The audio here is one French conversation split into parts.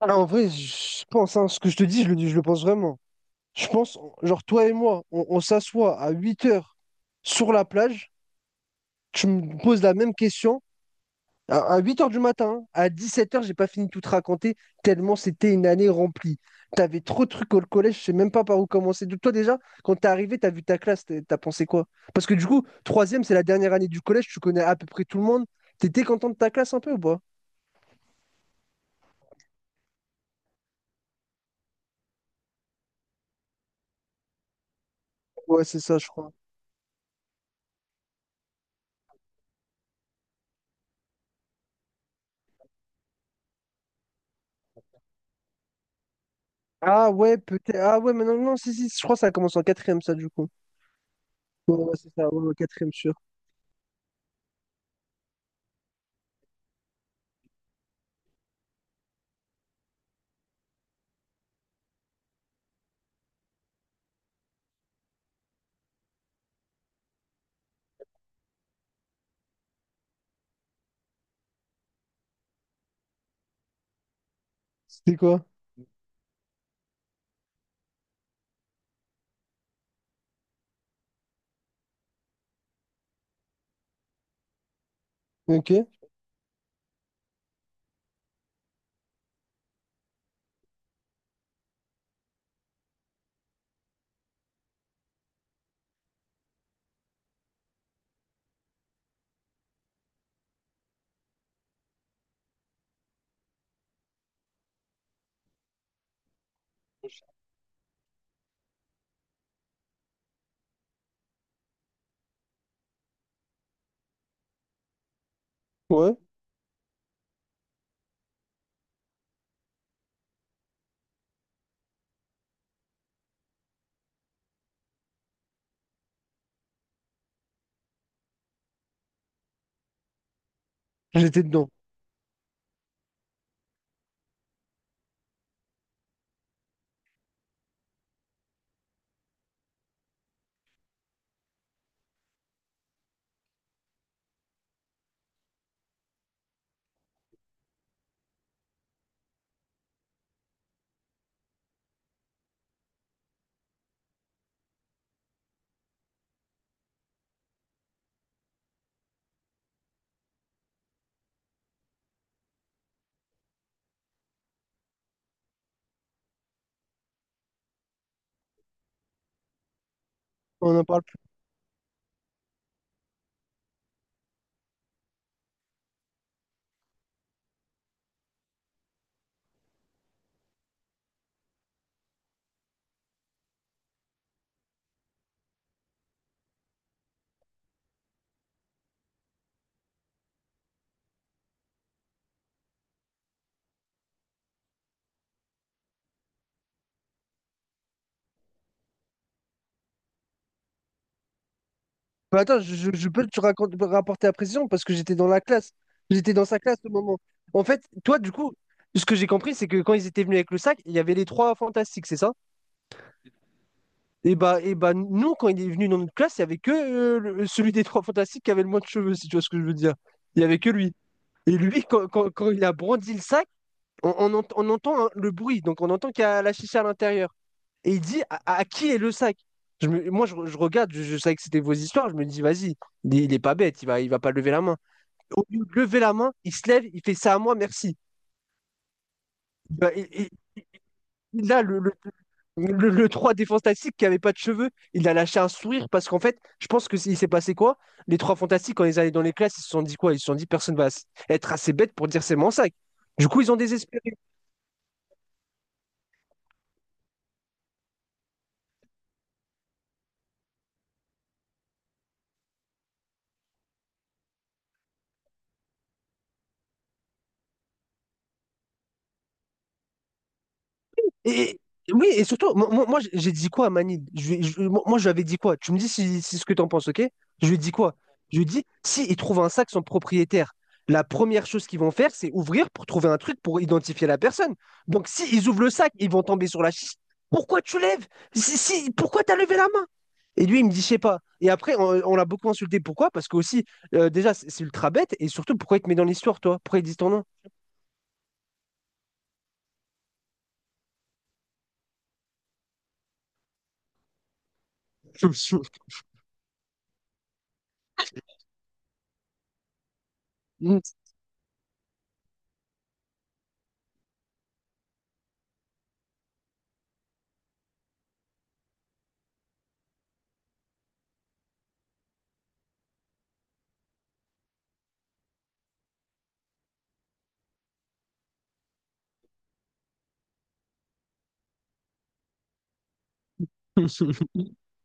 Ah, en vrai, je pense, hein, ce que je te dis, je le pense vraiment. Je pense, genre, toi et moi, on s'assoit à 8 heures sur la plage, tu me poses la même question, à 8 heures du matin, hein, à 7 heures, j'ai pas fini de tout te raconter, tellement c'était une année remplie. T'avais trop de trucs au collège, je sais même pas par où commencer. Toi, déjà, quand t'es arrivé, t'as vu ta classe, t'as pensé quoi? Parce que du coup, troisième, c'est la dernière année du collège, tu connais à peu près tout le monde. T'étais content de ta classe un peu ou pas? Ouais, c'est ça, je crois. Ah ouais, peut-être. Ah ouais, mais non, non, si, si, je crois que ça commence en quatrième, ça, du coup. Ouais, ouais, c'est ça, ouais, ouais, quatrième sûr. C'était quoi? Ok, ouais, j'étais dedans. On n'en parle plus. Bah, attends, je peux te raconter, rapporter la précision parce que j'étais dans la classe. J'étais dans sa classe au moment. En fait, toi, du coup, ce que j'ai compris, c'est que quand ils étaient venus avec le sac, il y avait les trois fantastiques, c'est ça? Et bah, nous, quand il est venu dans notre classe, il y avait que celui des trois fantastiques qui avait le moins de cheveux, si tu vois ce que je veux dire. Il y avait que lui. Et lui, quand il a brandi le sac, on entend, hein, le bruit, donc on entend qu'il y a la chicha à l'intérieur. Et il dit à qui est le sac? Moi, je regarde, je savais que c'était vos histoires, je me dis, vas-y, il est pas bête, il va pas lever la main. Au lieu de lever la main, il se lève, il fait ça à moi, merci. Il va- il- a Le 3 des Fantastiques qui avait pas de cheveux, il a lâché un sourire parce qu'en fait, je pense que il s'est passé quoi? Les trois Fantastiques, quand ils allaient dans les classes, ils se sont dit quoi? Ils se sont dit, personne va être assez bête pour dire c'est mon sac. Du coup, ils ont désespéré. Et, oui, et surtout, moi, j'ai dit quoi à Manil? Je, lui- je- moi, moi, je lui avais dit quoi? Tu me dis si ce que tu en penses, ok? Je lui ai dit quoi? Je lui ai dit, si ils trouvent un sac sans propriétaire, la première chose qu'ils vont faire, c'est ouvrir pour trouver un truc pour identifier la personne. Donc, si ils ouvrent le sac, ils vont tomber sur la chiche. Pourquoi tu lèves? Si, si, pourquoi t'as levé la main? Et lui, il me dit, je sais pas. Et après, on l'a beaucoup insulté. Pourquoi? Parce que aussi, déjà, c'est ultra bête. Et surtout, pourquoi il te met dans l'histoire, toi? Pourquoi il dit ton nom? Mm.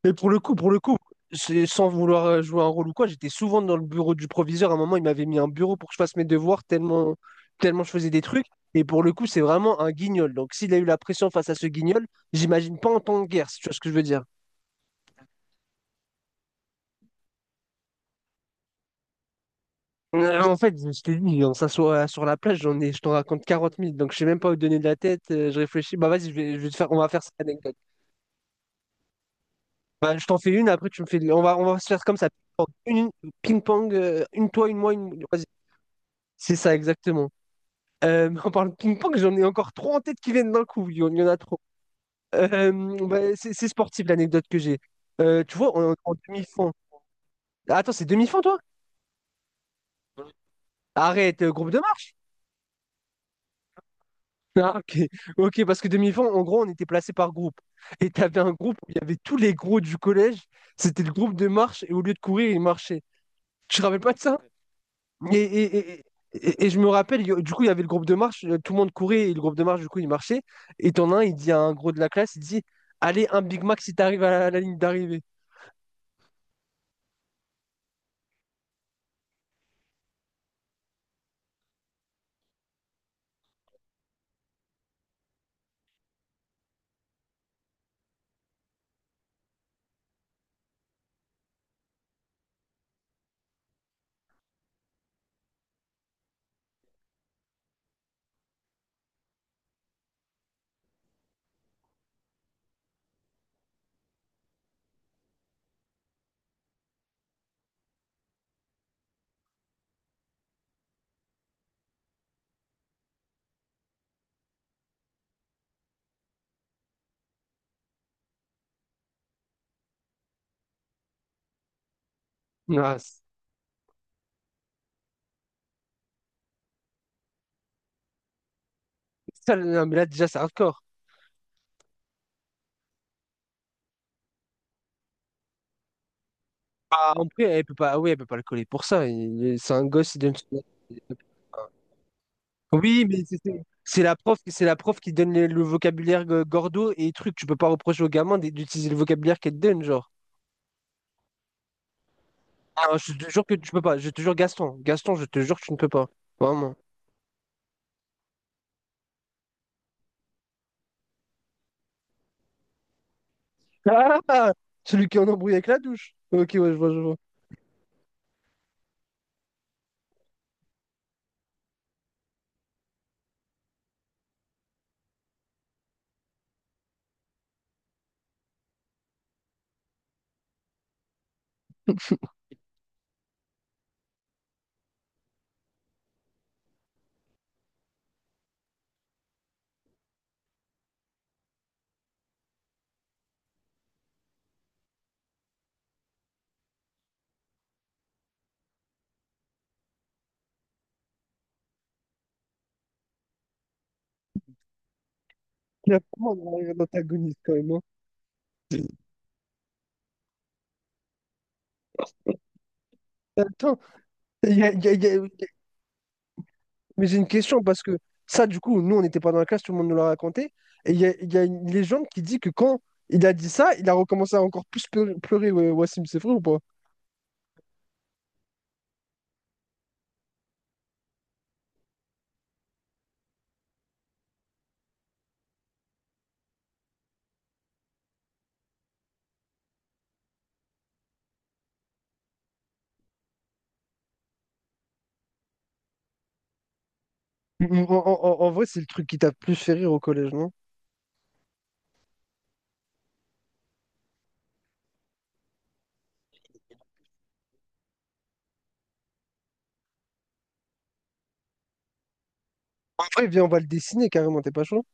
Mais pour le coup, sans vouloir jouer un rôle ou quoi, j'étais souvent dans le bureau du proviseur. À un moment, il m'avait mis un bureau pour que je fasse mes devoirs tellement, tellement je faisais des trucs. Et pour le coup, c'est vraiment un guignol. Donc, s'il a eu la pression face à ce guignol, j'imagine pas en temps de guerre, si tu vois ce que je veux dire. En fait, je t'ai dit, on s'assoit sur la plage, je t'en raconte 40 000, donc je sais même pas où te donner de la tête, je réfléchis. Bah, vas-y, je vais te faire, on va faire cette anecdote. Bah, je t'en fais une, après tu me fais. On va se faire comme ça. Ping-pong, une toi, une moi, une. Vas-y. C'est ça, exactement. Mais on parle ping-pong, j'en ai encore trois en tête qui viennent d'un coup. Il y en a trop. Euh, bah, c'est sportif, l'anecdote que j'ai. Tu vois, on est en demi-fond. Ah, attends, c'est demi-fond toi? Arrête, groupe de marche. Ah, ok. Ok, parce que demi-fond, en gros, on était placé par groupe. Et t'avais un groupe où il y avait tous les gros du collège. C'était le groupe de marche et au lieu de courir, ils marchaient. Tu te rappelles pas de ça? Et, et- et- et je me rappelle, du coup, il y avait le groupe de marche, tout le monde courait et le groupe de marche, du coup, il marchait. Et t'en as un, il dit à un gros de la classe, il dit, allez, un Big Mac si t'arrives à la ligne d'arrivée. Ah, ça, non, mais là, déjà, c'est hardcore. Ah, en vrai, elle peut pas, ah oui, elle peut pas le coller pour ça. C'est un gosse, il donne son. Oui, mais c'est la prof qui donne le vocabulaire, gordo et truc. Tu peux pas reprocher au gamin d'utiliser le vocabulaire qu'elle te donne, genre. Ah, je te jure que tu peux pas. Je te jure, Gaston. Gaston, je te jure que tu ne peux pas. Vraiment. Ah! Celui qui est en embrouille avec la douche. Ok, ouais, je vois, je vois. Il y a vraiment un antagoniste quand même, hein. Attends, il y a- il y a- il y a- mais j'ai une question parce que ça, du coup, nous, on n'était pas dans la classe, tout le monde nous l'a raconté. Et il y a une légende qui dit que quand il a dit ça, il a recommencé à encore plus pleurer, ouais, Wassim, c'est vrai ou pas? En vrai, c'est le truc qui t'a le plus fait rire au collège, non? En vrai, viens, on va le dessiner carrément, t'es pas chaud?